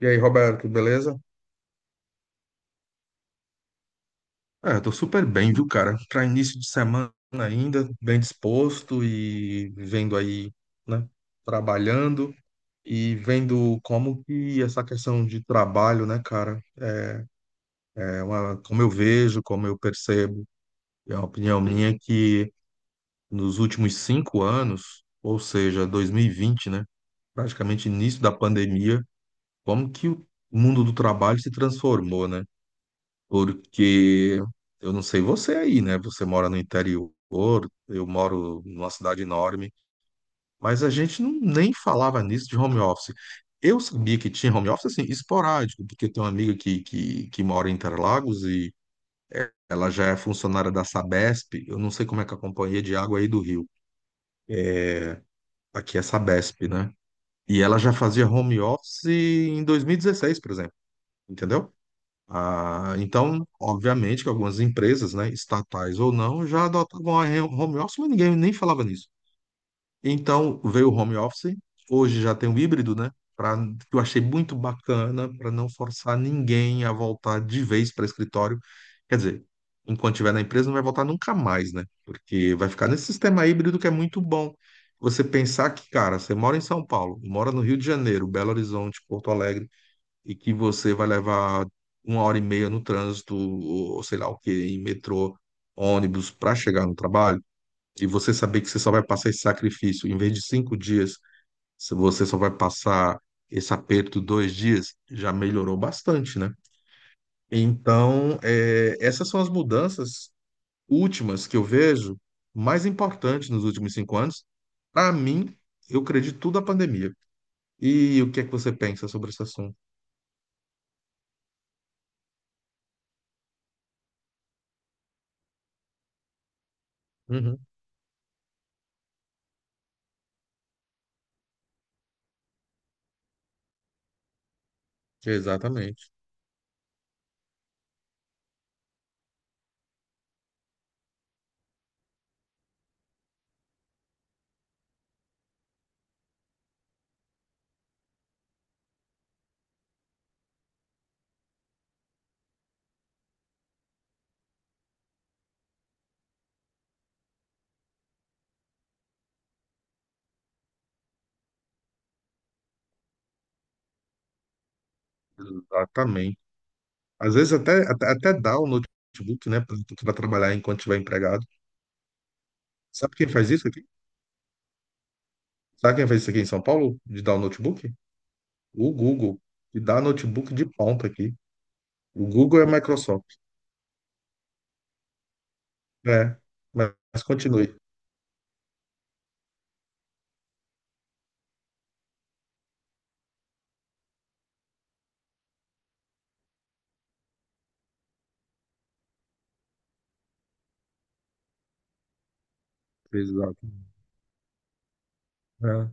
E aí, Roberto, beleza? Eu tô super bem, viu, cara? Para início de semana ainda, bem disposto e vendo aí, né, trabalhando e vendo como que essa questão de trabalho, né, cara, é uma, como eu vejo, como eu percebo, é uma opinião minha é que nos últimos 5 anos, ou seja, 2020, né, praticamente início da pandemia, como que o mundo do trabalho se transformou, né? Porque eu não sei você aí, né? Você mora no interior, eu moro numa cidade enorme, mas a gente não, nem falava nisso de home office. Eu sabia que tinha home office, assim, esporádico, porque tem uma amiga que mora em Interlagos e ela já é funcionária da Sabesp. Eu não sei como é que é a Companhia de Água aí do Rio, aqui é Sabesp, né? E ela já fazia home office em 2016, por exemplo, entendeu? Ah, então, obviamente que algumas empresas, né, estatais ou não, já adotavam home office, mas ninguém nem falava nisso. Então, veio o home office, hoje já tem o híbrido, né, que eu achei muito bacana para não forçar ninguém a voltar de vez para escritório. Quer dizer, enquanto estiver na empresa, não vai voltar nunca mais, né, porque vai ficar nesse sistema híbrido que é muito bom. Você pensar que, cara, você mora em São Paulo, mora no Rio de Janeiro, Belo Horizonte, Porto Alegre e que você vai levar uma hora e meia no trânsito, ou sei lá o que, em metrô, ônibus, para chegar no trabalho, e você saber que você só vai passar esse sacrifício, em vez de 5 dias, se você só vai passar esse aperto 2 dias, já melhorou bastante, né? Então, essas são as mudanças últimas que eu vejo mais importantes nos últimos 5 anos. Para mim, eu acredito tudo à pandemia. E o que é que você pensa sobre esse assunto? Uhum, exatamente. Exatamente. Às vezes até dá o notebook, né, para trabalhar enquanto estiver empregado. Sabe quem faz isso aqui? Sabe quem faz isso aqui em São Paulo, de dar o notebook? O Google, que dá notebook de ponta aqui. O Google é a Microsoft. É, mas continue. Exato. É,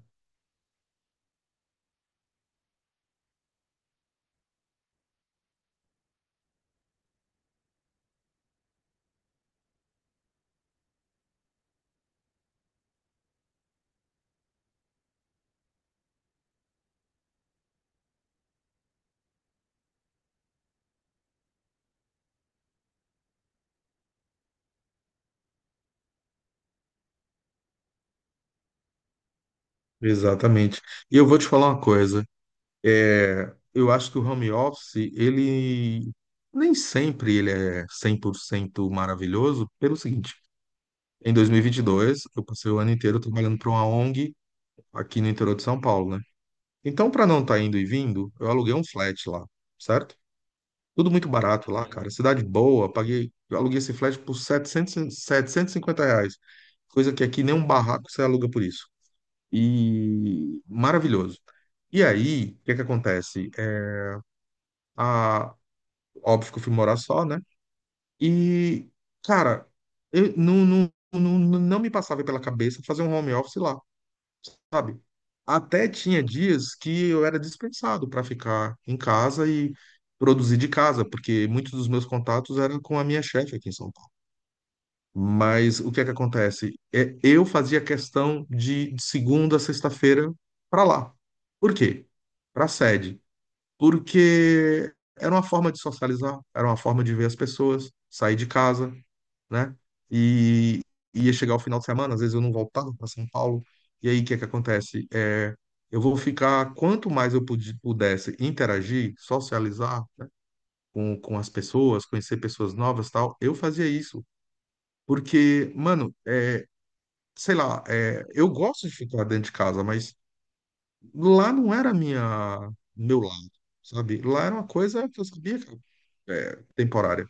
exatamente. E eu vou te falar uma coisa. Eu acho que o home office, ele nem sempre ele é 100% maravilhoso, pelo seguinte. Em 2022, eu passei o ano inteiro trabalhando para uma ONG aqui no interior de São Paulo, né? Então, para não estar indo e vindo, eu aluguei um flat lá, certo? Tudo muito barato lá, cara. Cidade boa, paguei, eu aluguei esse flat por 700, R$ 750, coisa que aqui nem um barraco você aluga por isso. E maravilhoso. E aí, o que que acontece? Óbvio que eu fui morar só, né? E, cara, eu não, não, não, não me passava pela cabeça fazer um home office lá. Sabe? Até tinha dias que eu era dispensado para ficar em casa e produzir de casa, porque muitos dos meus contatos eram com a minha chefe aqui em São Paulo. Mas o que é que acontece? Eu fazia questão de segunda a sexta-feira para lá. Por quê? Para a sede. Porque era uma forma de socializar, era uma forma de ver as pessoas, sair de casa, né? E ia chegar o final de semana, às vezes eu não voltava para São Paulo. E aí o que é que acontece? Eu vou ficar, quanto mais eu pudesse interagir, socializar com as pessoas, conhecer pessoas novas, tal, eu fazia isso. Porque, mano, sei lá, eu gosto de ficar dentro de casa, mas lá não era minha meu lado, sabe? Lá era uma coisa que eu sabia que era temporária.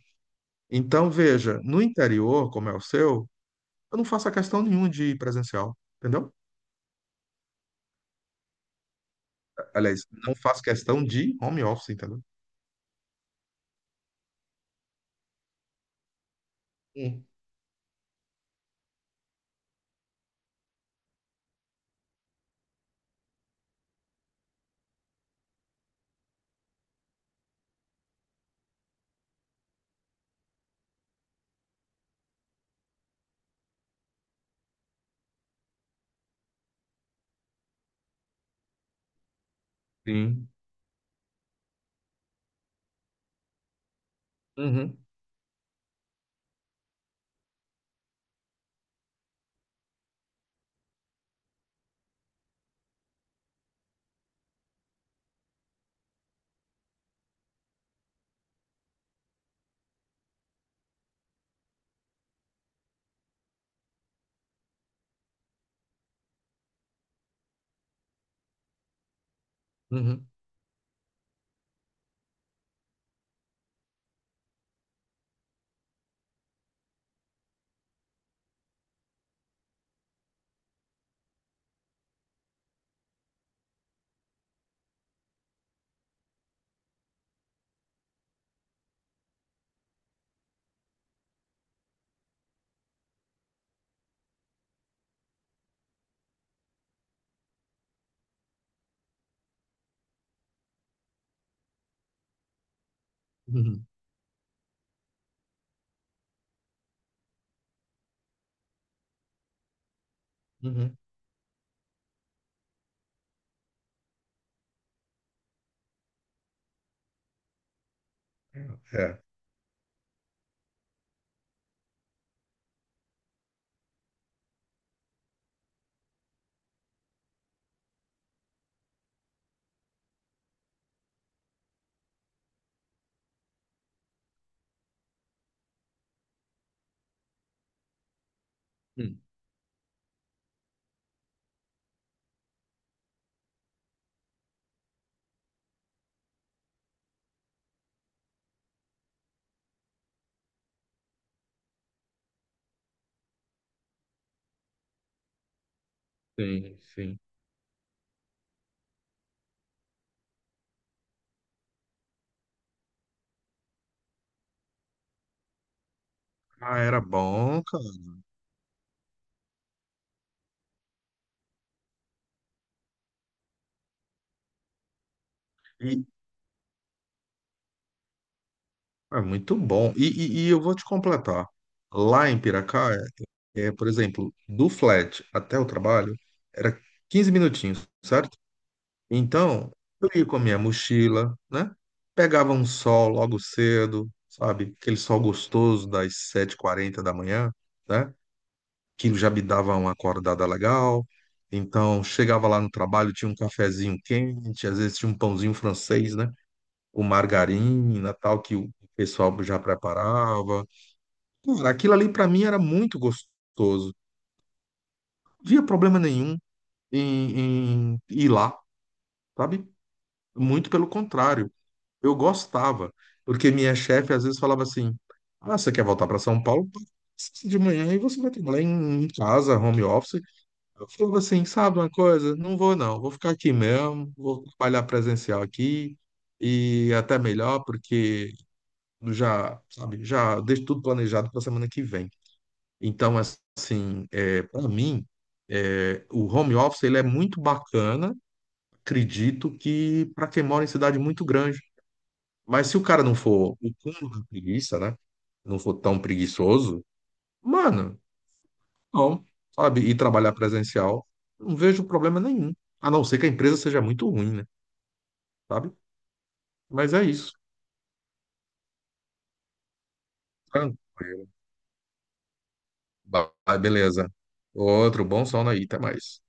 Então, veja, no interior, como é o seu, eu não faço a questão nenhuma de presencial, entendeu? Aliás, não faço questão de home office, entendeu? Hum. Sim. Uhum, uhum, uhum, uhum. É. Hum. Sim, sim. Ah, era bom, cara. E, é muito bom. E eu vou te completar. Lá em Piracá, por exemplo, do flat até o trabalho, era 15 minutinhos, certo? Então, eu ia com a minha mochila, né? Pegava um sol logo cedo, sabe? Aquele sol gostoso das sete h 40 da manhã, né? Que já me dava uma acordada legal. Então, chegava lá no trabalho, tinha um cafezinho quente, às vezes tinha um pãozinho francês, né? Com margarina, tal, que o pessoal já preparava. Cara, aquilo ali para mim era muito gostoso. Não havia problema nenhum em ir lá, sabe? Muito pelo contrário. Eu gostava, porque minha chefe às vezes falava assim: Ah, você quer voltar para São Paulo? De manhã e você vai trabalhar em casa, home office. Eu falava assim: Sabe uma coisa? Não vou, não. Vou ficar aqui mesmo, vou trabalhar presencial aqui e até melhor, porque já, sabe, já deixo tudo planejado para a semana que vem. Então, assim, para mim, o home office ele é muito bacana, acredito que para quem mora em cidade muito grande, mas se o cara não for o cúmulo da preguiça, né? Não for tão preguiçoso, mano, não, sabe? E trabalhar presencial, não vejo problema nenhum. A não ser que a empresa seja muito ruim, né? Sabe? Mas é isso. Tranquilo. Ba- Beleza. Outro bom sono aí, até mais.